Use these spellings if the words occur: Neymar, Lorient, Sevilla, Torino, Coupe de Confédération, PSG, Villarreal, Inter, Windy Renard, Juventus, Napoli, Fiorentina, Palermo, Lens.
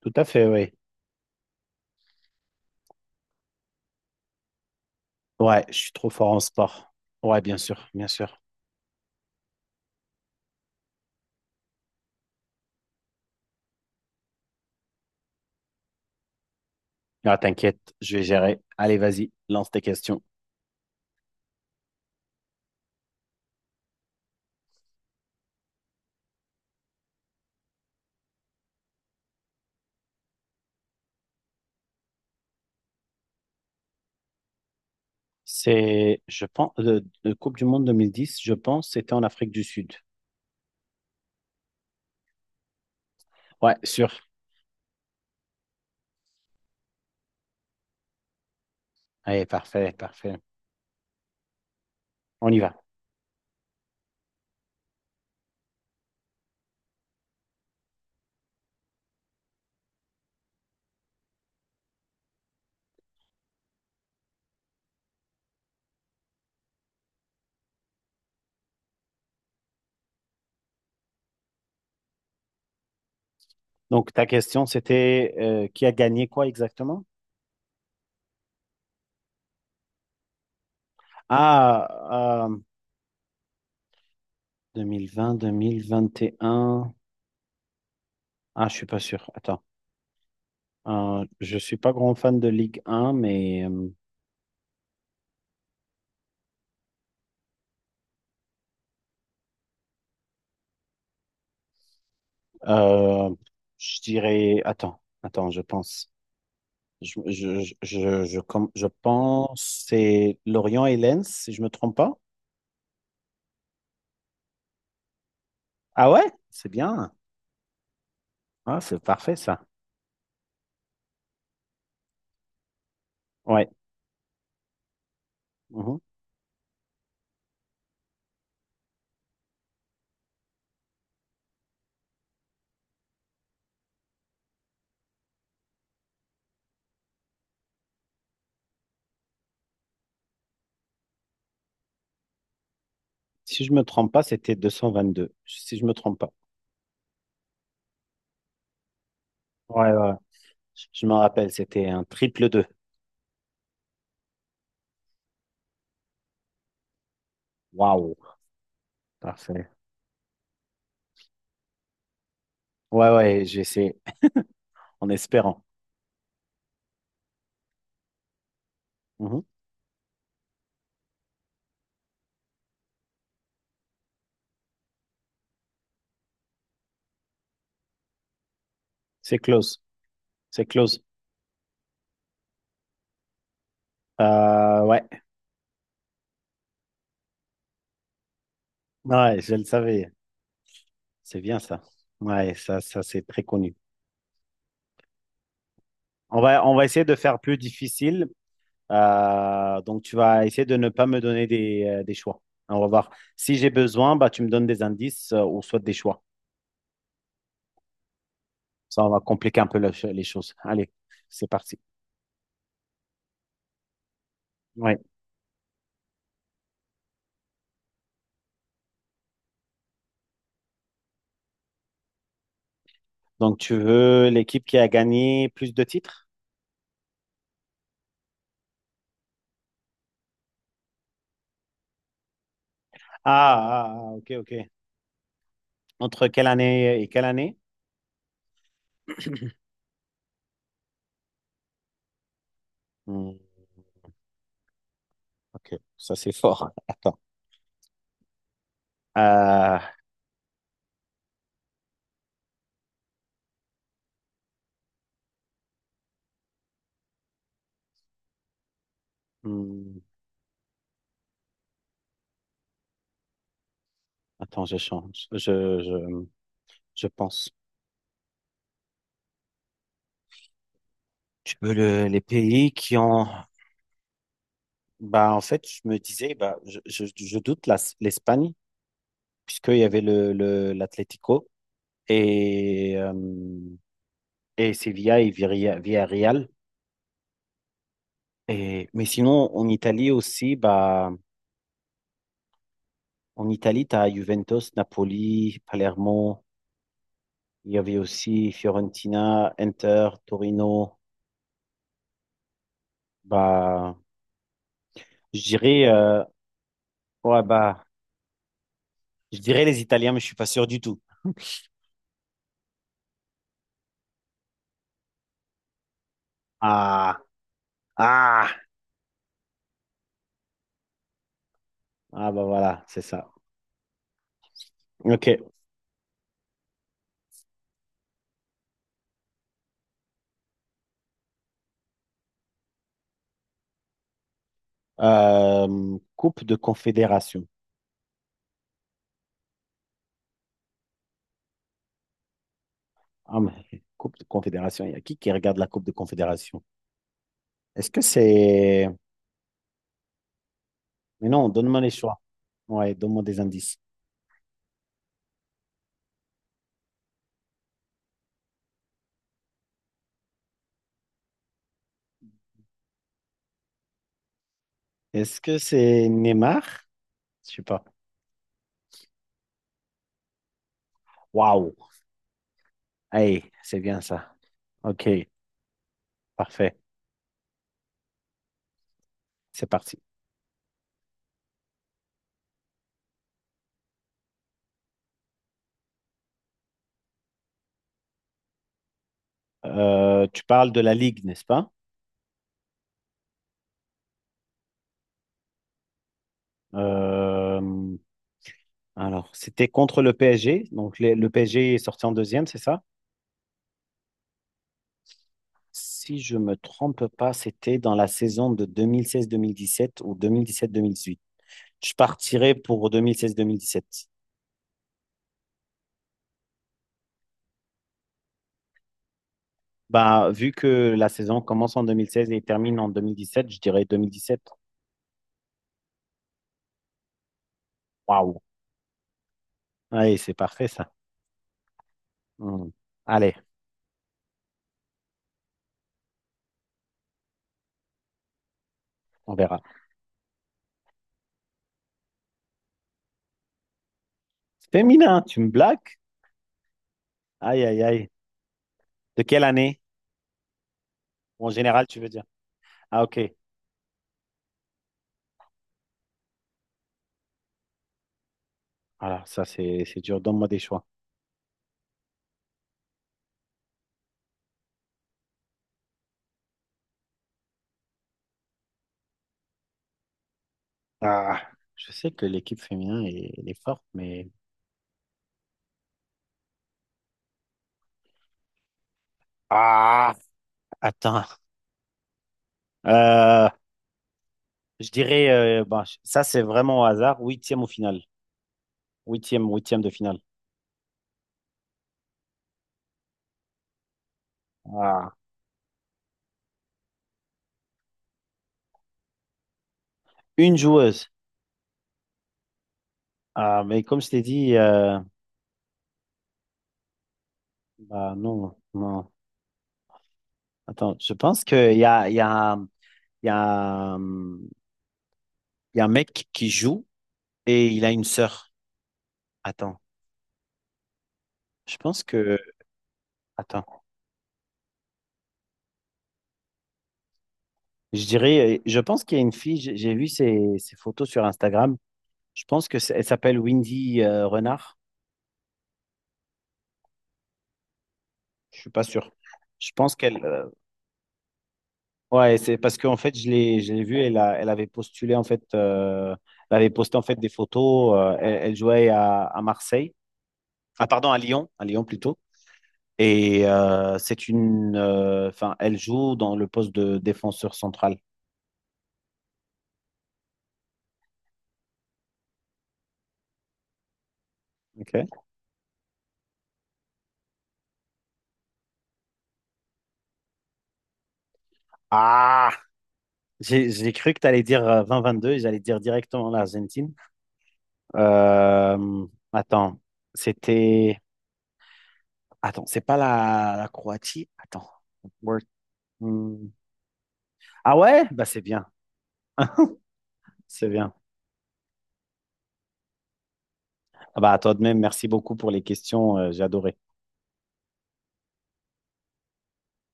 Tout à fait, oui. Ouais, je suis trop fort en sport. Ouais, bien sûr, bien sûr. Ah, t'inquiète, je vais gérer. Allez, vas-y, lance tes questions. C'est, je pense, le Coupe du Monde 2010, je pense, c'était en Afrique du Sud. Ouais, sûr. Allez, parfait, parfait. On y va. Donc, ta question, c'était qui a gagné quoi exactement? Ah, 2020, 2021. Ah, je suis pas sûr. Attends. Je suis pas grand fan de Ligue 1, mais Euh, je dirais, attends, attends, je pense. Je pense c'est Lorient et Lens, si je me trompe pas. Ah ouais? C'est bien. Ah, c'est parfait ça. Ouais. Mhm. Si je me trompe pas, c'était 222. Si je me trompe pas. Ouais, ouais, ouais. Je me rappelle, c'était un triple deux. Waouh. Parfait. Ouais, ouais, j'essaie en espérant. Mhm. C'est close. C'est close. Ouais. Ouais, je le savais. C'est bien ça. Ouais, ça c'est très connu. On va essayer de faire plus difficile. Donc, tu vas essayer de ne pas me donner des choix. On va voir. Si j'ai besoin, bah, tu me donnes des indices ou soit des choix. Ça, on va compliquer un peu la les choses. Allez, c'est parti. Ouais. Donc, tu veux l'équipe qui a gagné plus de titres? Ah, ah, ah, ok, ok. Entre quelle année et quelle année? Hmm, ok, ça c'est fort. Attends. Euh, hmm, attends, je change. Je, je pense. Tu veux le- les pays qui ont Bah, en fait, je me disais, bah, je doute l'Espagne, puisqu'il y avait l'Atlético et, euh, et Sevilla et Villarreal. Et, mais sinon, en Italie aussi, bah, en Italie, tu as Juventus, Napoli, Palermo. Il y avait aussi Fiorentina, Inter, Torino. Bah, je dirais, ouais, bah, je dirais les Italiens, mais je suis pas sûr du tout. Ah, ah, ah, bah voilà, c'est ça. Ok. Coupe de Confédération. Ah, mais Coupe de Confédération, il y a qui regarde la Coupe de Confédération? Est-ce que c'est... Mais non, donne-moi les choix. Ouais, donne-moi des indices. Est-ce que c'est Neymar? Je sais pas. Waouh! Hey, c'est bien ça. Ok, parfait. C'est parti. Tu parles de la Ligue, n'est-ce pas? Euh, alors, c'était contre le PSG. Donc, le PSG est sorti en deuxième, c'est ça? Si je me trompe pas, c'était dans la saison de deux mille seize-deux mille seize dix sept ou 2017 huit. Je partirais pour deux mille seize-deux mille seize dix sept. Bah, vu que la saison commence en 2016 et termine en 2017, je dirais 2017. Waouh. Allez, c'est parfait ça. Hmm. Allez, on verra. Féminin, tu me blagues? Aïe, aïe, aïe. De quelle année? En général, tu veux dire. Ah, ok. Alors, ça, c'est dur. Donne-moi des choix. Ah, je sais que l'équipe féminin, elle est forte, mais... Ah, attends. Euh, Je dirais, bah, ça c'est vraiment au hasard, huitième au final. Huitième, huitième de finale. Ah. Une joueuse. Ah, mais comme je t'ai dit, bah, non, non. Attends, je pense qu'il y a, hum, il y a un mec qui joue et il a une sœur. Attends, je pense que, attends, je dirais, je pense qu'il y a une fille, j'ai vu ses photos sur Instagram. Je pense que elle s'appelle Windy Renard. Je suis pas sûr. Je pense qu'elle, ouais, c'est parce qu'en fait, je l'ai vue, elle avait postulé, en fait, elle avait posté, en fait, des photos, elle jouait à, Marseille, ah, pardon, à Lyon plutôt, et c'est une, enfin, elle joue dans le poste de défenseur central. Ok. Ah, j'ai cru que tu allais dire 2022 et j'allais dire directement l'Argentine. Euh, attends, c'était, attends, c'est pas la Croatie? Attends, Word. Hmm. Ah ouais? Bah, c'est bien, c'est bien. Ah bah, à toi de même, merci beaucoup pour les questions, j'ai adoré.